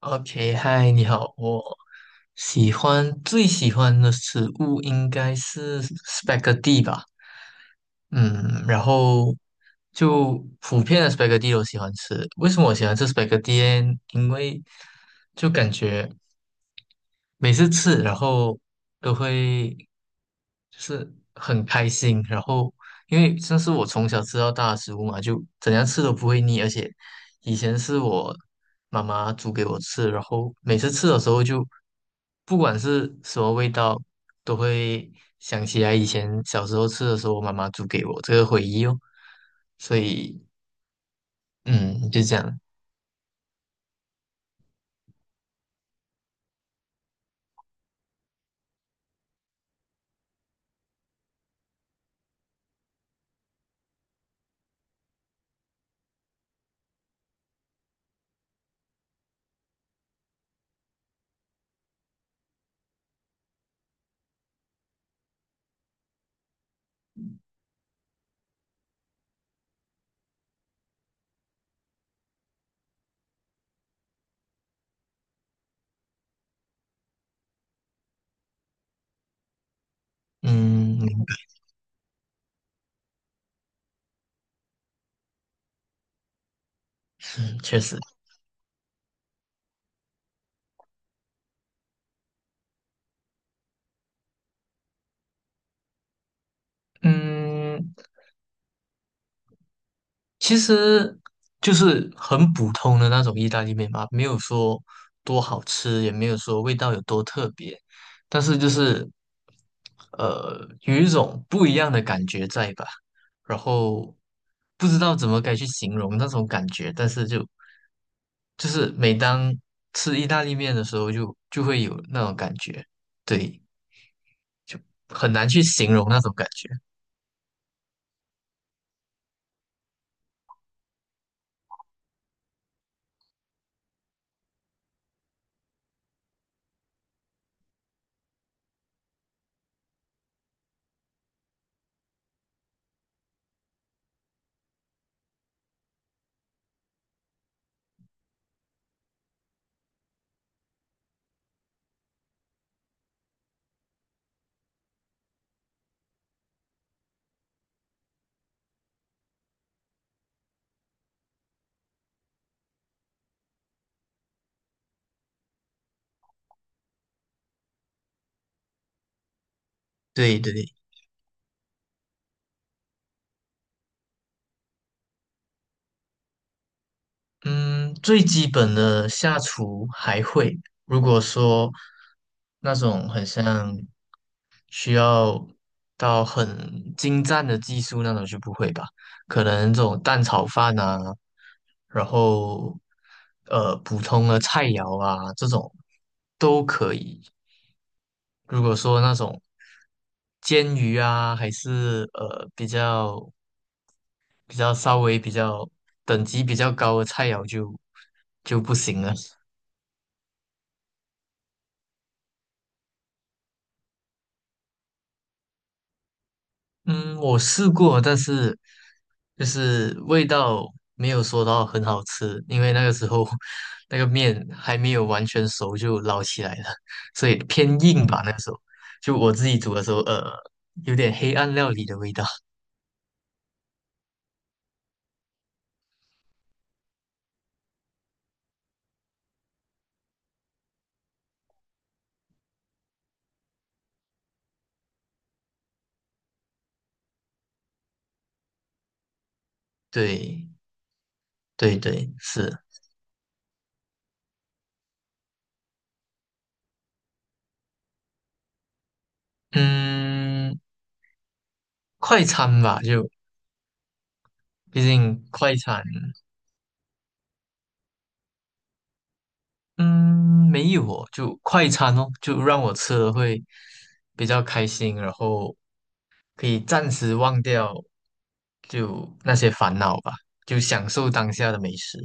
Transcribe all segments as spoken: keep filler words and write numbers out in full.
OK，嗨，你好，我喜欢最喜欢的食物应该是 spaghetti 吧，嗯，然后就普遍的 spaghetti 都喜欢吃。为什么我喜欢吃 spaghetti？呢因为就感觉每次吃，然后都会就是很开心，然后因为这是我从小吃到大的食物嘛，就怎样吃都不会腻，而且以前是我妈妈煮给我吃，然后每次吃的时候就不管是什么味道，都会想起来以前小时候吃的时候，我妈妈煮给我这个回忆哦，所以嗯，就这样，嗯，明白嗯确实，嗯。其实就是很普通的那种意大利面吧，没有说多好吃，也没有说味道有多特别，但是就是呃有一种不一样的感觉在吧，然后不知道怎么该去形容那种感觉，但是就就是每当吃意大利面的时候就，就会有那种感觉，对，就很难去形容那种感觉，对对。对。嗯，最基本的下厨还会。如果说那种很像需要到很精湛的技术那种就不会吧，可能这种蛋炒饭啊，然后呃普通的菜肴啊这种都可以。如果说那种煎鱼啊，还是呃比较。比较稍微比较等级比较高的菜肴就就不行了。嗯，我试过，但是就是味道没有说到很好吃，因为那个时候 那个面还没有完全熟就捞起来了，所以偏硬吧。那个时候就我自己煮的时候，呃，有点黑暗料理的味道。对，对对，是，嗯，快餐吧，就毕竟快餐。嗯，没有哦，就快餐哦，就让我吃了会比较开心，然后可以暂时忘掉就那些烦恼吧，就享受当下的美食。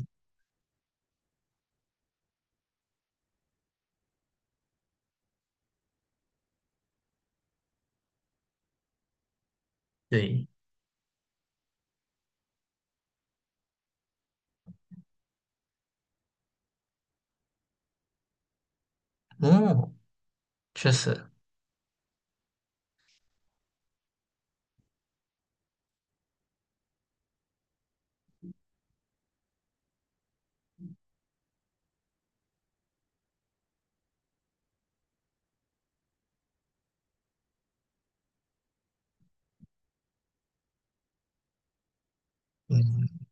对，嗯，确实，嗯，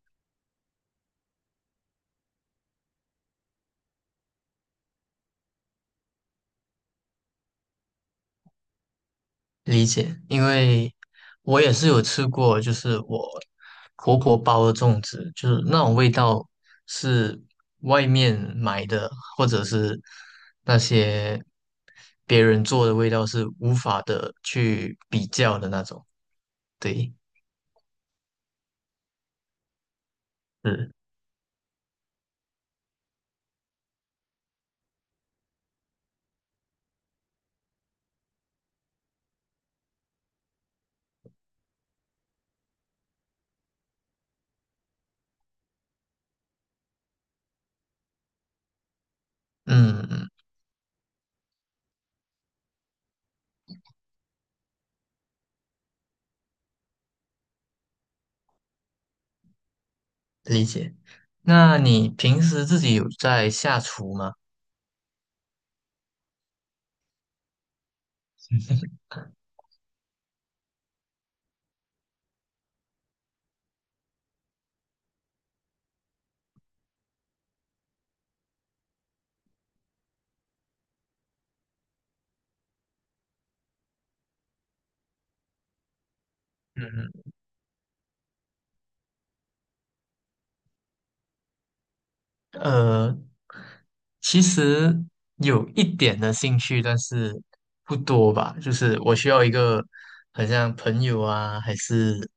理解，因为我也是有吃过，就是我婆婆包的粽子，就是那种味道是外面买的，或者是那些别人做的味道是无法的去比较的那种。对，是，嗯，嗯理解。那你平时自己有在下厨吗？嗯呃，其实有一点的兴趣，但是不多吧。就是我需要一个很像朋友啊，还是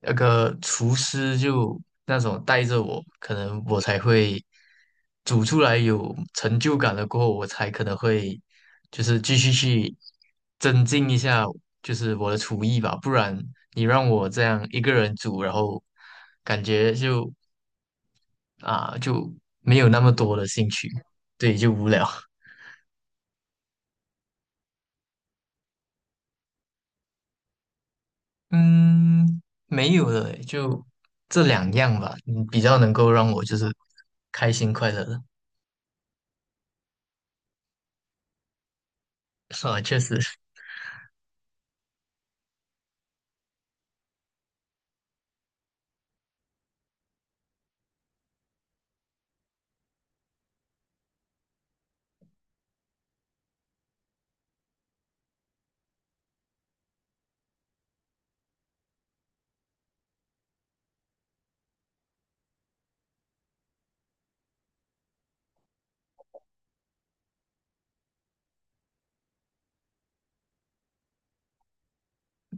那个厨师，就那种带着我，可能我才会煮出来有成就感了过后，我才可能会就是继续去增进一下，就是我的厨艺吧。不然你让我这样一个人煮，然后感觉就啊，就没有那么多的兴趣，对，就无聊。嗯，没有了诶就这两样吧，嗯，比较能够让我就是开心快乐的。啊，确实，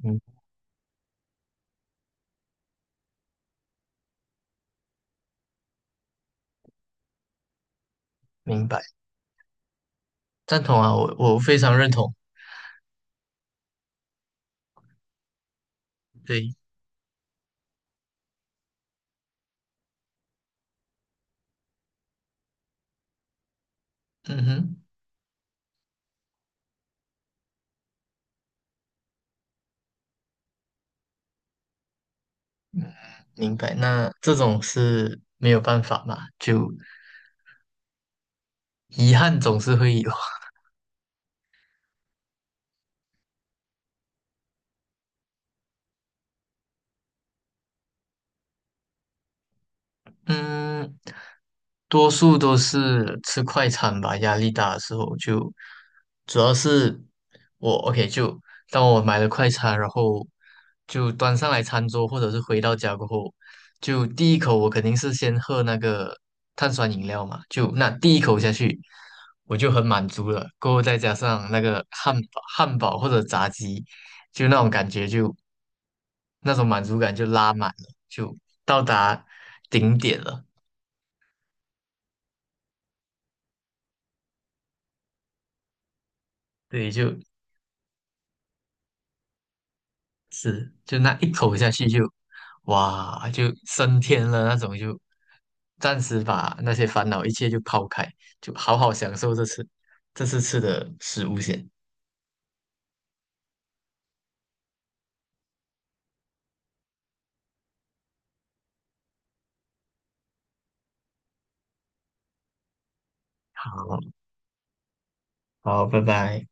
嗯，明白，赞同啊，我我非常认同。对，嗯哼，明白。那这种是没有办法嘛，就遗憾总是会有。嗯，多数都是吃快餐吧，压力大的时候就，主要是我 OK 就当我买了快餐，然后就端上来餐桌，或者是回到家过后，就第一口我肯定是先喝那个碳酸饮料嘛，就那第一口下去我就很满足了，过后再加上那个汉堡、汉堡或者炸鸡，就那种感觉就那种满足感就拉满了，就到达顶点了。对，就是就那一口下去就，哇，就升天了那种就，暂时把那些烦恼一切就抛开，就好好享受这次这次吃的食物先。好，好，拜拜。